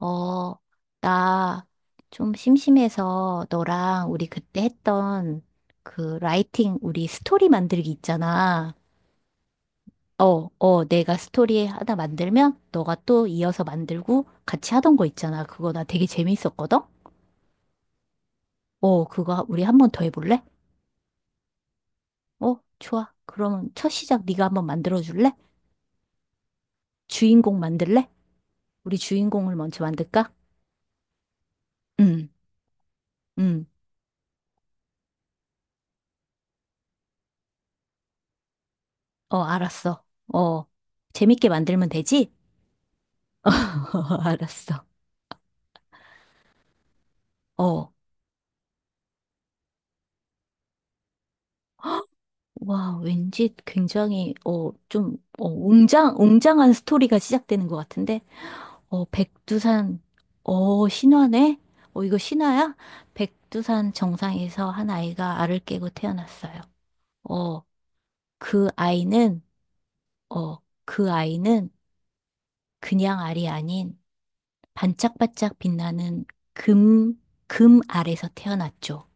어, 나 좀 심심해서 너랑 우리 그때 했던 그 라이팅 우리 스토리 만들기 있잖아. 내가 스토리 하나 만들면 너가 또 이어서 만들고 같이 하던 거 있잖아. 그거 나 되게 재밌었거든? 그거 우리 한 번 더 해볼래? 좋아. 그러면 첫 시작 네가 한번 만들어 줄래? 주인공 만들래? 우리 주인공을 먼저 만들까? 응, 응. 알았어. 어, 재밌게 만들면 되지? 알았어. 어, 와, 왠지 굉장히, 좀, 웅장한 스토리가 시작되는 것 같은데, 어, 백두산, 신화네? 이거 신화야? 백두산 정상에서 한 아이가 알을 깨고 태어났어요. 어, 그 아이는, 어, 그 아이는 그냥 알이 아닌 반짝반짝 빛나는 금, 금 알에서 태어났죠.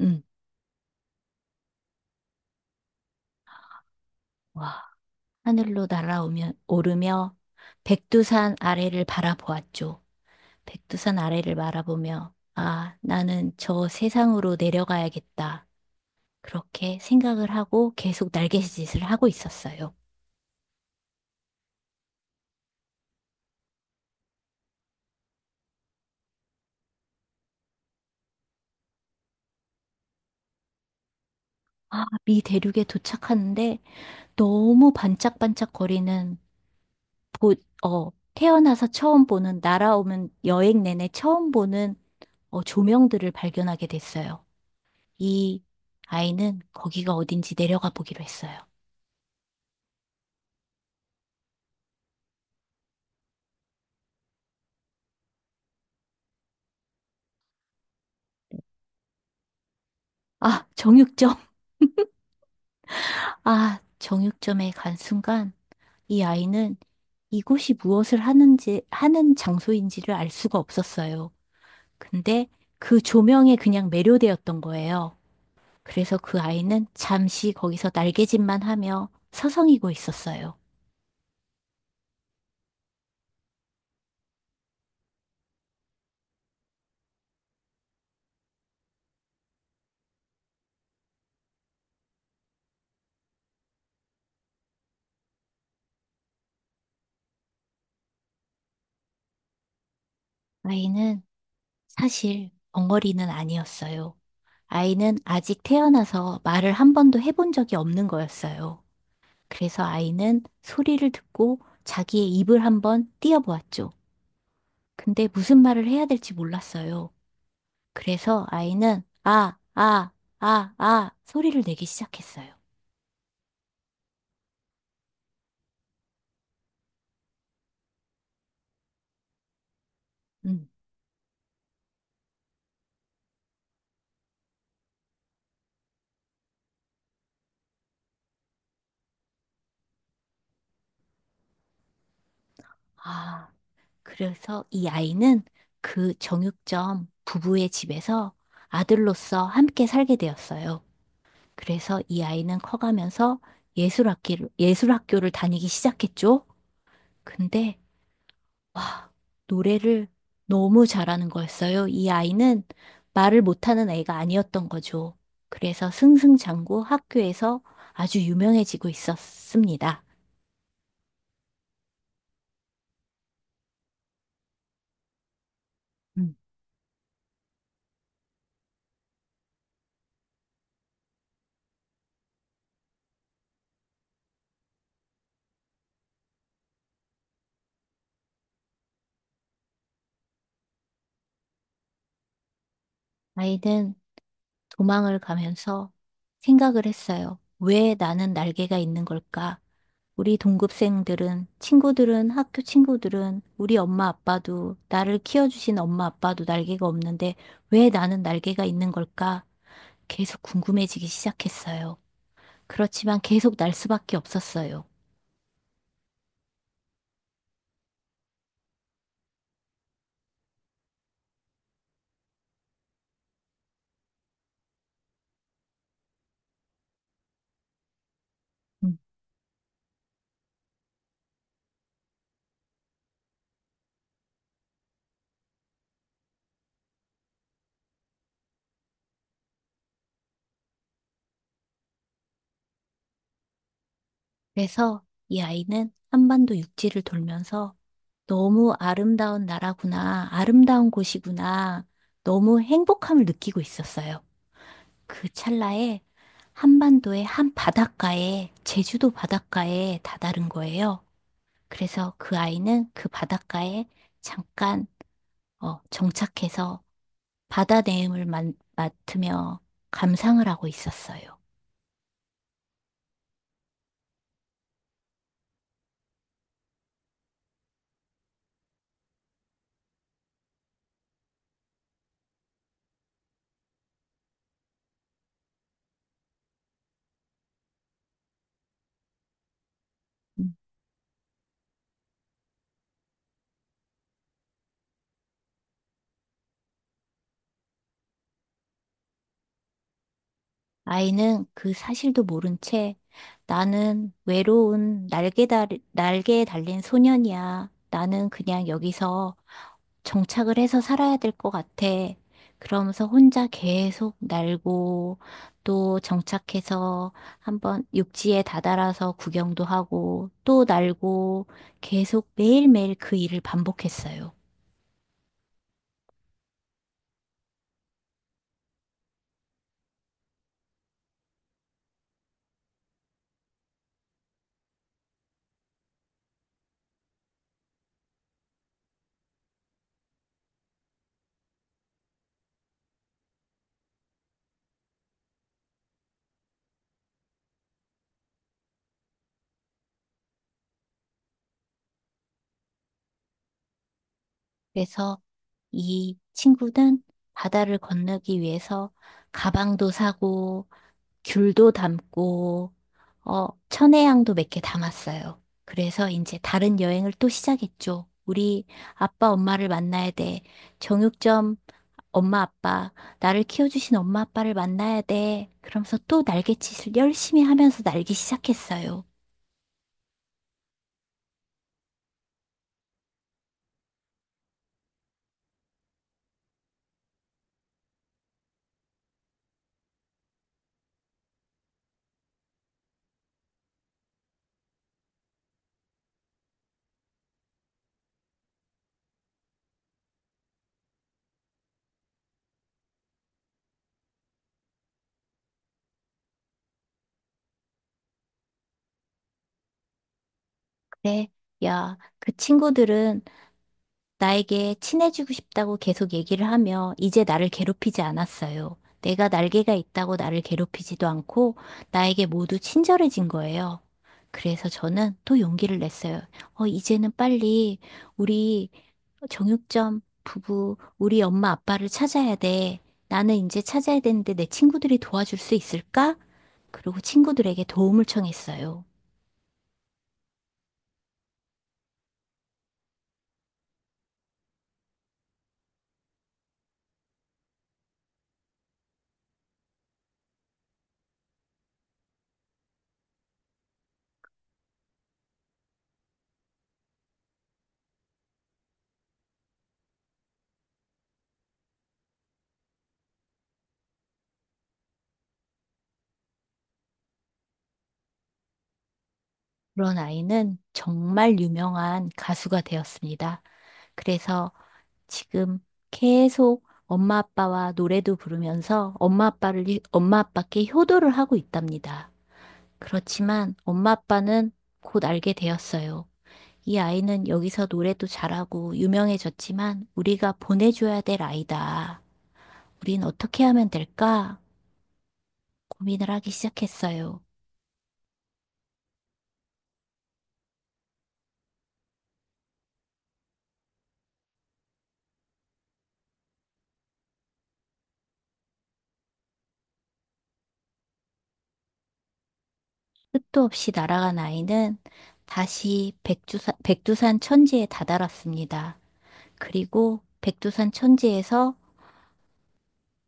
음, 와, 하늘로 날아오면, 오르며 백두산 아래를 바라보았죠. 백두산 아래를 바라보며, 아, 나는 저 세상으로 내려가야겠다. 그렇게 생각을 하고 계속 날갯짓을 하고 있었어요. 아, 미 대륙에 도착하는데 너무 반짝반짝거리는, 보, 태어나서 처음 보는, 날아오면 여행 내내 처음 보는 조명들을 발견하게 됐어요. 이 아이는 거기가 어딘지 내려가 보기로 했어요. 아, 정육점. 아, 정육점에 간 순간 이 아이는 이곳이 무엇을 하는지, 하는 장소인지를 알 수가 없었어요. 근데 그 조명에 그냥 매료되었던 거예요. 그래서 그 아이는 잠시 거기서 날개짓만 하며 서성이고 있었어요. 아이는 사실 벙어리는 아니었어요. 아이는 아직 태어나서 말을 한 번도 해본 적이 없는 거였어요. 그래서 아이는 소리를 듣고 자기의 입을 한번 띄어보았죠. 근데 무슨 말을 해야 될지 몰랐어요. 그래서 아이는 아, 아, 아, 아 소리를 내기 시작했어요. 음. 아, 그래서 이 아이는 그 정육점 부부의 집에서 아들로서 함께 살게 되었어요. 그래서 이 아이는 커가면서 예술학기를, 예술학교를 다니기 시작했죠. 근데 와, 노래를 너무 잘하는 거였어요. 이 아이는 말을 못하는 애가 아니었던 거죠. 그래서 승승장구 학교에서 아주 유명해지고 있었습니다. 음. 아이는 도망을 가면서 생각을 했어요. 왜 나는 날개가 있는 걸까? 우리 동급생들은, 친구들은, 학교 친구들은, 우리 엄마 아빠도, 나를 키워주신 엄마 아빠도 날개가 없는데 왜 나는 날개가 있는 걸까? 계속 궁금해지기 시작했어요. 그렇지만 계속 날 수밖에 없었어요. 음. 그래서 이 아이는 한반도 육지를 돌면서 너무 아름다운 나라구나, 아름다운 곳이구나, 너무 행복함을 느끼고 있었어요. 그 찰나에 한반도의 한 바닷가에, 제주도 바닷가에 다다른 거예요. 그래서 그 아이는 그 바닷가에 잠깐 정착해서 바다 내음을 맡으며 감상을 하고 있었어요. 아이는 그 사실도 모른 채 나는 외로운 날개 달, 날개에 달린 소년이야. 나는 그냥 여기서 정착을 해서 살아야 될 것 같아. 그러면서 혼자 계속 날고 또 정착해서 한번 육지에 다다라서 구경도 하고 또 날고 계속 매일매일 그 일을 반복했어요. 그래서 이 친구는 바다를 건너기 위해서 가방도 사고 귤도 담고, 천혜향도 몇 개 담았어요. 그래서 이제 다른 여행을 또 시작했죠. 우리 아빠 엄마를 만나야 돼. 정육점 엄마 아빠, 나를 키워주신 엄마 아빠를 만나야 돼. 그러면서 또 날갯짓을 열심히 하면서 날기 시작했어요. 그래, 야, 그 친구들은 나에게 친해지고 싶다고 계속 얘기를 하며 이제 나를 괴롭히지 않았어요. 내가 날개가 있다고 나를 괴롭히지도 않고 나에게 모두 친절해진 거예요. 그래서 저는 또 용기를 냈어요. 이제는 빨리 우리 정육점 부부, 우리 엄마 아빠를 찾아야 돼. 나는 이제 찾아야 되는데 내 친구들이 도와줄 수 있을까? 그리고 친구들에게 도움을 청했어요. 그런 아이는 정말 유명한 가수가 되었습니다. 그래서 지금 계속 엄마 아빠와 노래도 부르면서 엄마 아빠를, 엄마 아빠께 효도를 하고 있답니다. 그렇지만 엄마 아빠는 곧 알게 되었어요. 이 아이는 여기서 노래도 잘하고 유명해졌지만 우리가 보내줘야 될 아이다. 우린 어떻게 하면 될까? 고민을 하기 시작했어요. 끝도 없이 날아간 아이는 다시 백두산, 백두산 천지에 다다랐습니다. 그리고 백두산 천지에서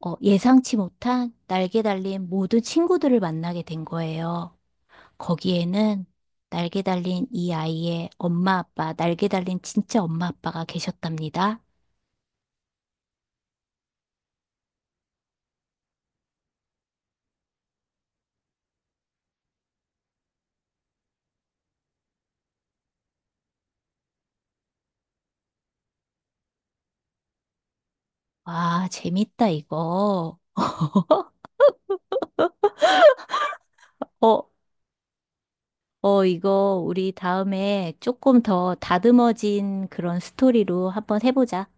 예상치 못한 날개 달린 모든 친구들을 만나게 된 거예요. 거기에는 날개 달린 이 아이의 엄마 아빠, 날개 달린 진짜 엄마 아빠가 계셨답니다. 와, 재밌다, 이거. 어, 이거 우리 다음에 조금 더 다듬어진 그런 스토리로 한번 해보자.